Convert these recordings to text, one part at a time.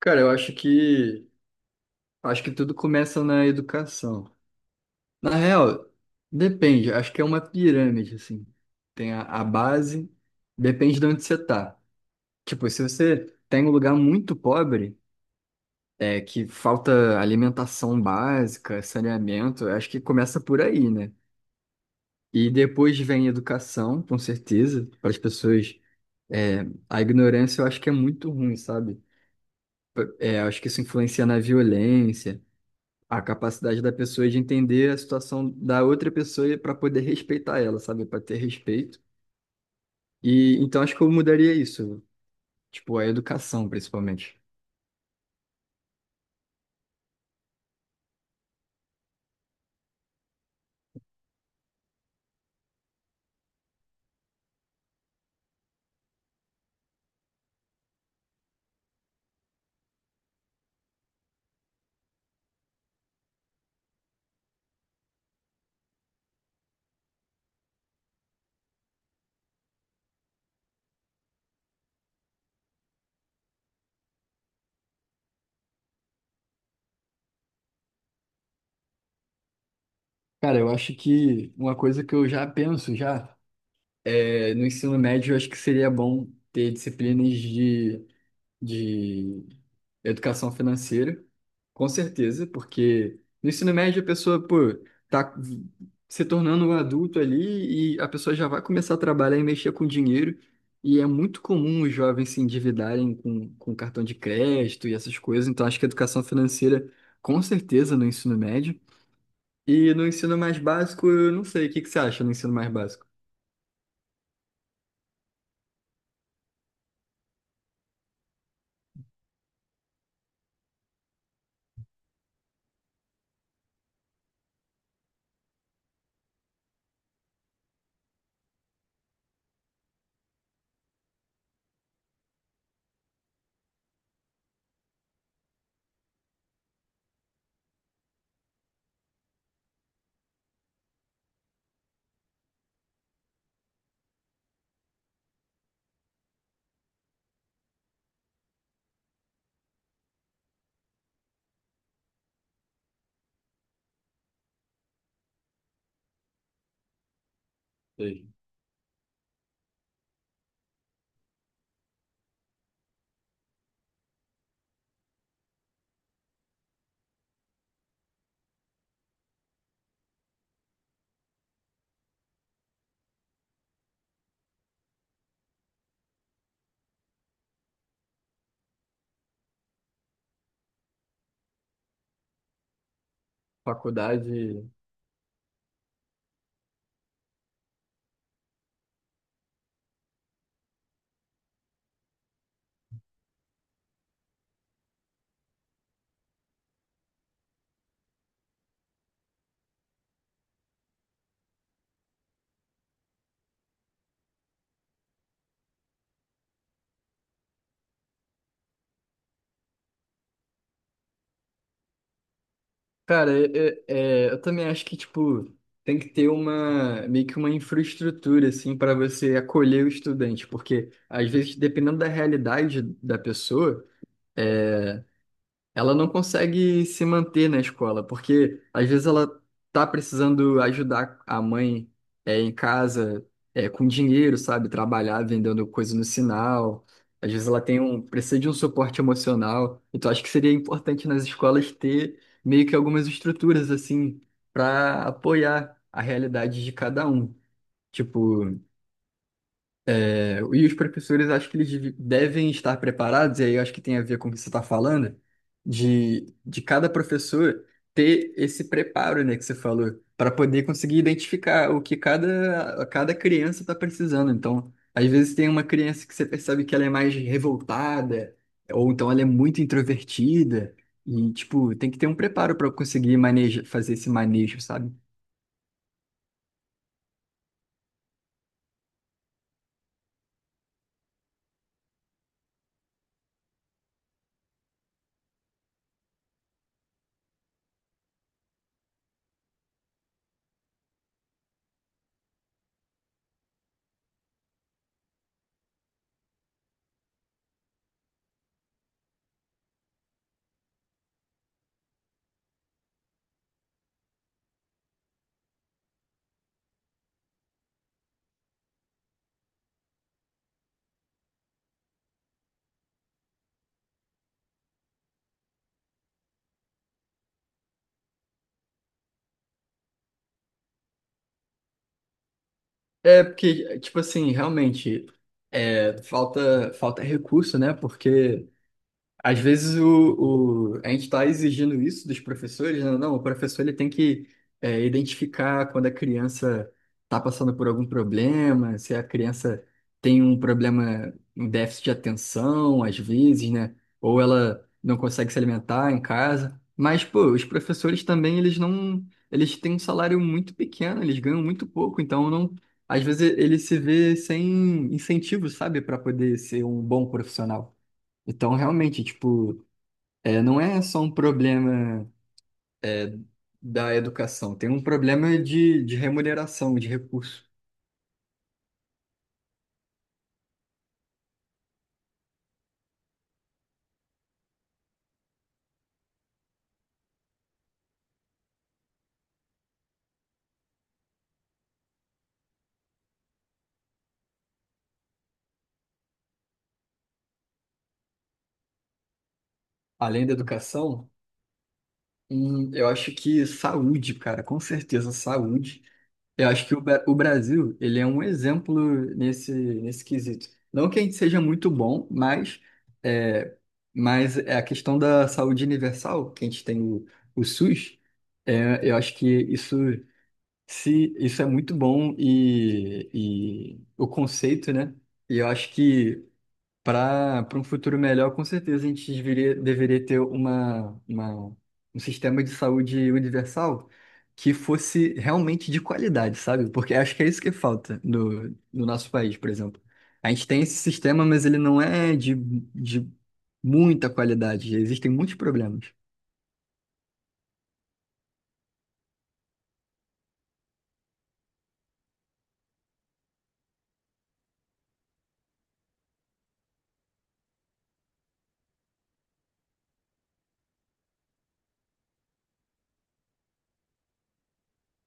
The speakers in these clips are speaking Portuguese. Cara, eu acho que tudo começa na educação. Na real, depende, acho que é uma pirâmide assim. Tem a base, depende de onde você tá. Tipo, se você tem um lugar muito pobre, é que falta alimentação básica, saneamento, eu acho que começa por aí, né? E depois vem educação, com certeza, para as pessoas. é, a ignorância eu acho que é muito ruim, sabe? Eu acho que isso influencia na violência. A capacidade da pessoa de entender a situação da outra pessoa para poder respeitar ela, sabe? Para ter respeito. E então acho que eu mudaria isso, tipo, a educação, principalmente. Cara, eu acho que uma coisa que eu já penso já é no ensino médio. Eu acho que seria bom ter disciplinas de de educação financeira, com certeza, porque no ensino médio a pessoa, pô, tá se tornando um adulto ali e a pessoa já vai começar a trabalhar e mexer com dinheiro. E é muito comum os jovens se endividarem com cartão de crédito e essas coisas. Então, acho que a educação financeira, com certeza, no ensino médio. E no ensino mais básico, eu não sei. O que que você acha no ensino mais básico? Sei. Faculdade. Cara, eu também acho que, tipo, tem que ter uma, meio que uma infraestrutura, assim, para você acolher o estudante, porque, às vezes, dependendo da realidade da pessoa, é, ela não consegue se manter na escola, porque às vezes ela tá precisando ajudar a mãe, em casa, com dinheiro, sabe? Trabalhar vendendo coisa no sinal. Às vezes ela precisa de um suporte emocional. Então acho que seria importante nas escolas ter meio que algumas estruturas assim para apoiar a realidade de cada um. Tipo, e os professores, acho que eles devem estar preparados, e aí eu acho que tem a ver com o que você está falando, de, cada professor ter esse preparo, né, que você falou, para poder conseguir identificar o que cada criança está precisando. Então, às vezes tem uma criança que você percebe que ela é mais revoltada, ou então ela é muito introvertida, e, tipo, tem que ter um preparo para conseguir fazer esse manejo, sabe? É porque, tipo assim, realmente, falta recurso, né? Porque às vezes a gente está exigindo isso dos professores, né? Não, o professor ele tem que identificar quando a criança está passando por algum problema, se a criança tem um problema, um déficit de atenção, às vezes, né? Ou ela não consegue se alimentar em casa. Mas, pô, os professores também, eles não, eles têm um salário muito pequeno, eles ganham muito pouco, então não, às vezes ele se vê sem incentivo, sabe, para poder ser um bom profissional. Então, realmente, tipo, não é só um problema é, da educação, tem um problema de, remuneração, de recurso. Além da educação, eu acho que saúde, cara, com certeza saúde. Eu acho que o Brasil, ele é um exemplo nesse quesito. Não que a gente seja muito bom, mas é, é a questão da saúde universal, que a gente tem o SUS. Eu acho que se isso é muito bom e, o conceito, né? E eu acho que para um futuro melhor, com certeza a gente deveria ter uma, um sistema de saúde universal que fosse realmente de qualidade, sabe? Porque acho que é isso que falta no nosso país, por exemplo. A gente tem esse sistema, mas ele não é de, de muita qualidade. Existem muitos problemas.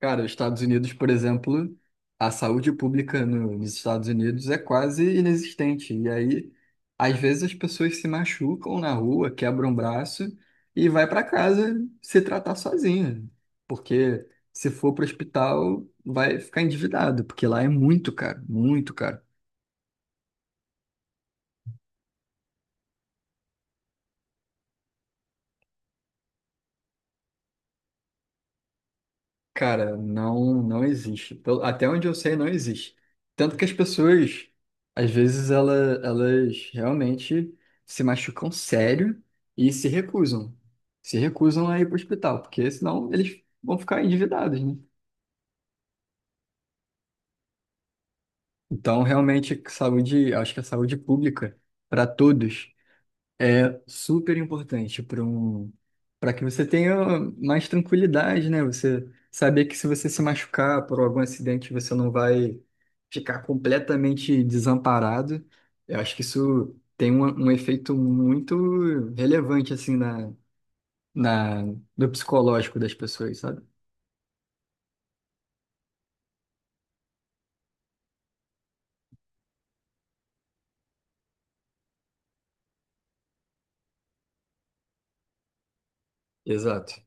Cara, os Estados Unidos, por exemplo, a saúde pública nos Estados Unidos é quase inexistente. E aí, às vezes, as pessoas se machucam na rua, quebram o braço e vai para casa se tratar sozinha. Porque se for para o hospital, vai ficar endividado, porque lá é muito caro, muito caro. Cara, não, não existe. Até onde eu sei, não existe. Tanto que as pessoas, às vezes, elas realmente se machucam sério e se recusam a ir para o hospital, porque senão eles vão ficar endividados, né? Então, realmente, saúde, acho que a saúde pública para todos. É super importante para que você tenha mais tranquilidade, né? Você saber que se você se machucar por algum acidente, você não vai ficar completamente desamparado. Eu acho que isso tem um efeito muito relevante assim na, na no psicológico das pessoas, sabe? Exato.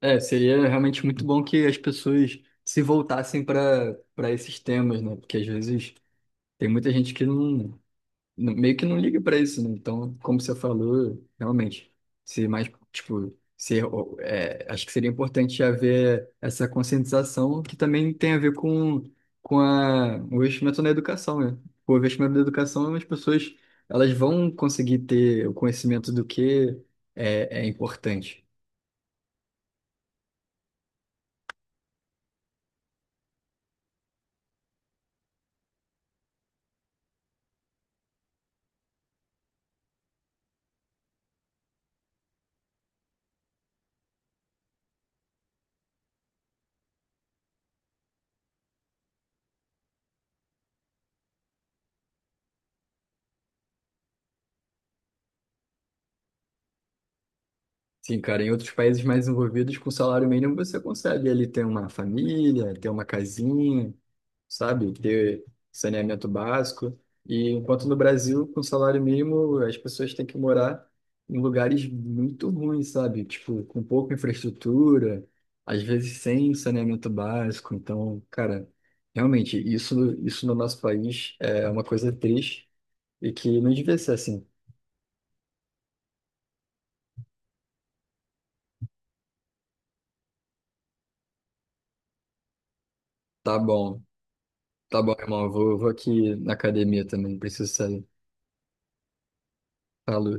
É, seria realmente muito bom que as pessoas se voltassem para esses temas, né? Porque às vezes tem muita gente que meio que não liga pra isso, né? Então, como você falou, realmente, se mais, tipo, se, o- é, acho que seria importante haver essa conscientização que também tem a ver com o investimento na educação, né? O investimento na educação, as pessoas, elas vão conseguir ter o conhecimento do que é importante. Sim, cara, em outros países mais desenvolvidos, com salário mínimo, você consegue ali ter uma família, ter uma casinha, sabe? Ter saneamento básico. E enquanto no Brasil, com salário mínimo, as pessoas têm que morar em lugares muito ruins, sabe? Tipo, com pouca infraestrutura, às vezes sem saneamento básico. Então, cara, realmente, isso no nosso país é uma coisa triste e que não devia ser assim. Tá bom, tá bom, irmão. Vou aqui na academia também, preciso sair. Falou.